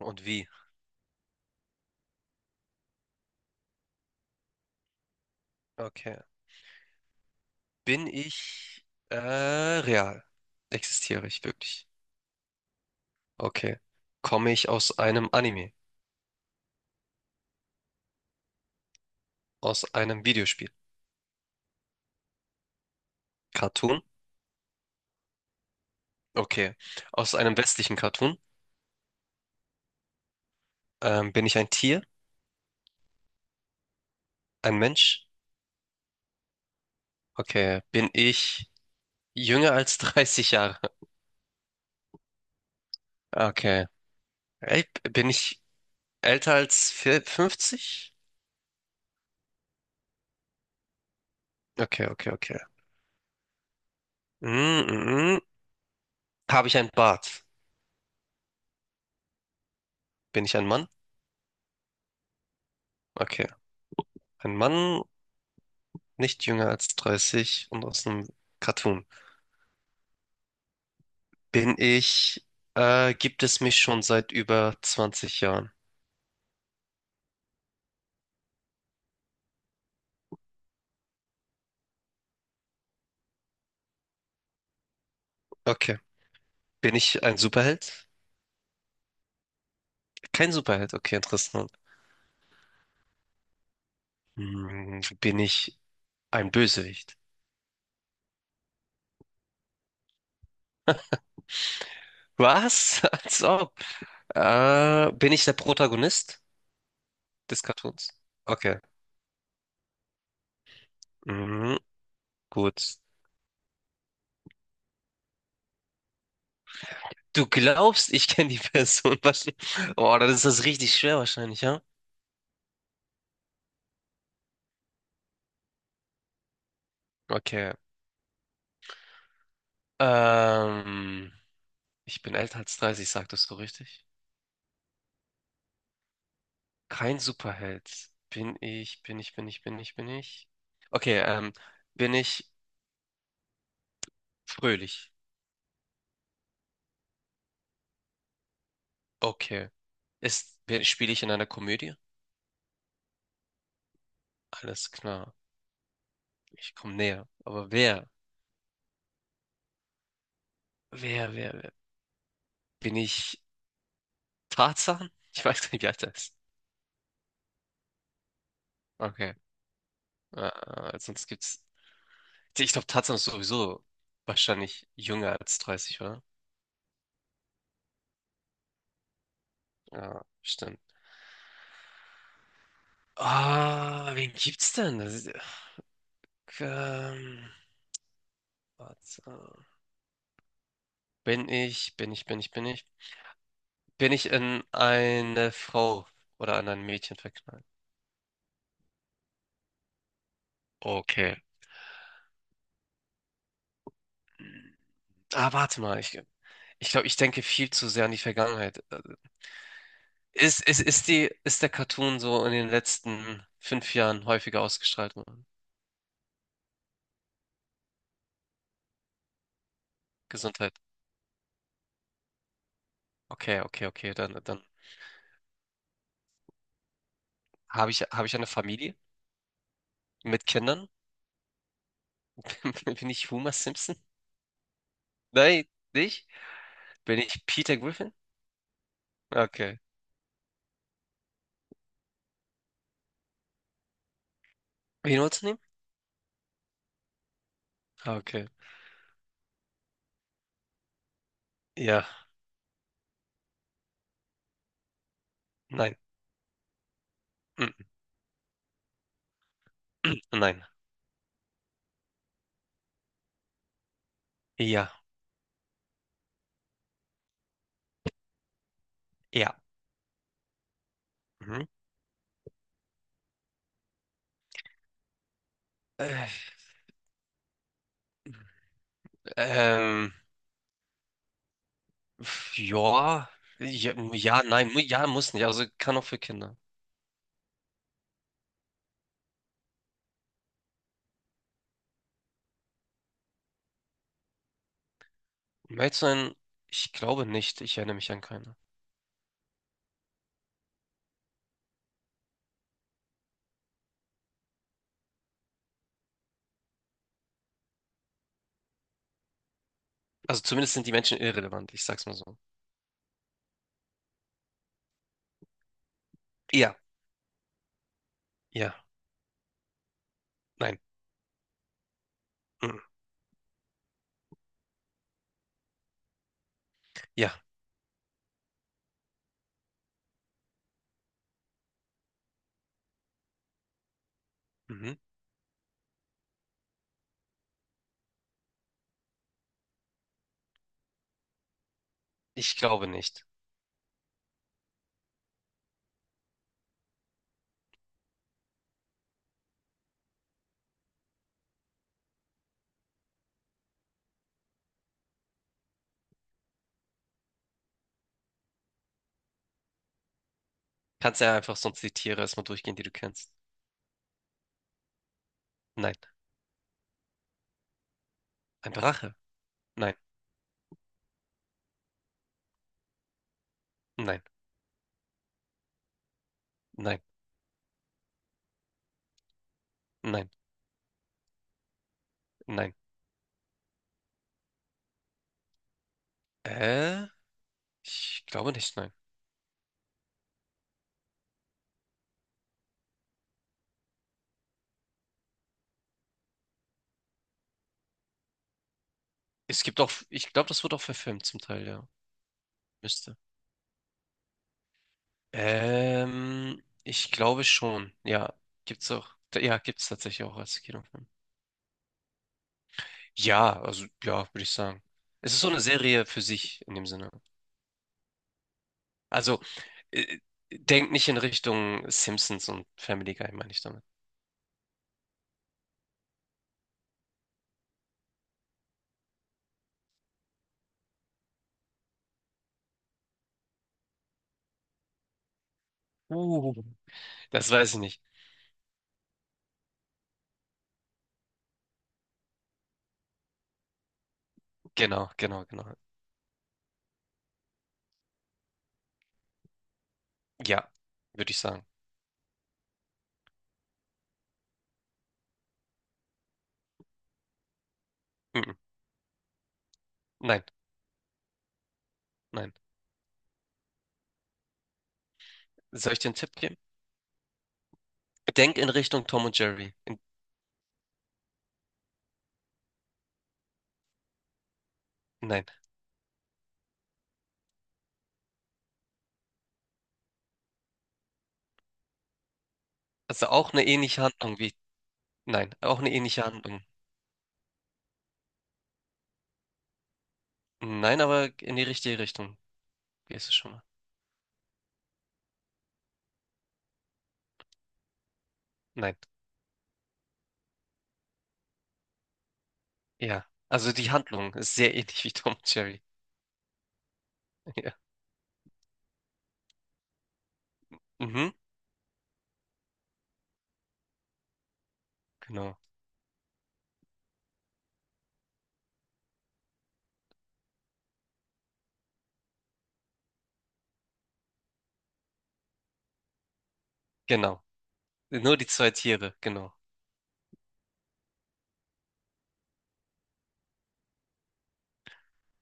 Und wie? Okay. Bin ich real? Existiere ich wirklich? Okay. Komme ich aus einem Anime? Aus einem Videospiel? Cartoon? Okay. Aus einem westlichen Cartoon? Bin ich ein Tier? Ein Mensch? Okay. Bin ich jünger als 30 Jahre? Okay. Ey, bin ich älter als 50? Okay, okay, okay. Mm, mm, mm. Habe ich einen Bart? Bin ich ein Mann? Okay. Ein Mann nicht jünger als 30 und aus einem Cartoon. Bin ich, Gibt es mich schon seit über 20 Jahren. Okay. Bin ich ein Superheld? Kein Superheld, okay, interessant. Hm, bin ich ein Bösewicht? Was? Als ob. Bin ich der Protagonist des Cartoons? Okay. Mhm, gut. Du glaubst, ich kenne die Person wahrscheinlich. Oh, dann ist das richtig schwer wahrscheinlich, ja? Okay. Ähm. Ich bin älter als 30, sagtest du richtig? Kein Superheld. Bin ich. Okay, bin ich fröhlich? Okay. Ist, spiele ich in einer Komödie? Alles klar. Ich komme näher. Aber wer? Bin ich Tarzan? Ich weiß gar nicht, wie alt er ist. Okay. Sonst gibt's. Ich glaube, Tarzan ist sowieso wahrscheinlich jünger als 30, oder? Ja, stimmt. Ah, wen gibt's denn? Ähm, Schwarzer. Bin ich. Bin ich in eine Frau oder an ein Mädchen verknallt? Okay. Ah, warte mal. Ich glaube, ich denke viel zu sehr an die Vergangenheit. Ist die, ist der Cartoon so in den letzten 5 Jahren häufiger ausgestrahlt worden? Gesundheit. Okay, okay, okay. Dann habe ich eine Familie mit Kindern? Bin ich Homer Simpson? Nein, nicht? Bin ich Peter Griffin? Okay. Wen wolltest du nehmen? Okay. Ja, nein. Nein. Ja. Ja. Mhm. Äh, ähm, ja. Ja, ja, nein, ja, muss nicht. Also kann auch für Kinder. Um ehrlich zu sein, ich glaube nicht. Ich erinnere mich an keine. Also zumindest sind die Menschen irrelevant. Ich sag's mal so. Ja. Ja. Nein. Mhm. Ja. Mhm. Ich glaube nicht. Kannst ja einfach sonst die Tiere erstmal durchgehen, die du kennst. Nein. Ein Drache? Nein. Nein. Nein. Nein. Nein. Äh, ich glaube nicht, nein. Es gibt auch, ich glaube, das wird auch verfilmt zum Teil, ja. Müsste. Ich glaube schon. Ja, gibt's auch. Ja, gibt's tatsächlich auch als Kinofilm. Ja, also ja, würde ich sagen. Es ist so eine Serie für sich in dem Sinne. Also äh, Denkt nicht in Richtung Simpsons und Family Guy, meine ich damit. Uh. Das weiß ich nicht. Genau, genau, genau. Ja, würde ich sagen. Mhm. Nein, nein. Soll ich dir einen Tipp geben? Denk in Richtung Tom und Jerry. Nein. Also auch eine ähnliche Handlung wie. Nein, auch eine ähnliche Handlung. Nein, aber in die richtige Richtung gehst du schon mal. Nein. Ja. Also die Handlung ist sehr ähnlich wie Tom und Jerry. Ja. Mhm. Genau. Genau. Nur die zwei Tiere, genau.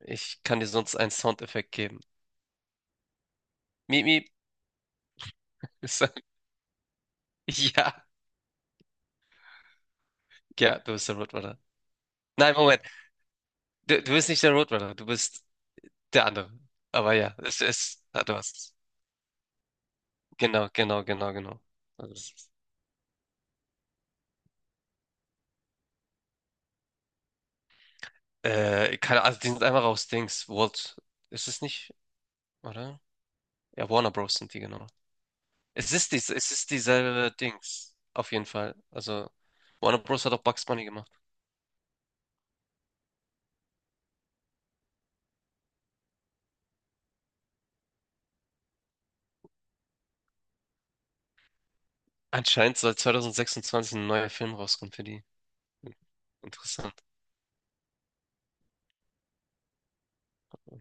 Ich kann dir sonst einen Soundeffekt geben. Miep, miep. Ist er- Ja. Ja, du bist der Rottweiler. Nein, Moment. Du, bist nicht der Rottweiler, du bist der andere. Aber ja, es ist. Ah, du hast es. Genau. Also, das ist- keine, also die sind einfach aus Dings. Walt. Ist es nicht, oder? Ja, Warner Bros. Sind die, genau. Es ist dies, es ist dieselbe Dings. Auf jeden Fall. Also, Warner Bros. Hat auch Bugs Bunny gemacht. Anscheinend soll 2026 ein neuer Film rauskommen für die. Interessant.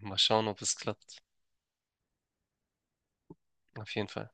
Mal schauen, ob es klappt. Auf jeden Fall.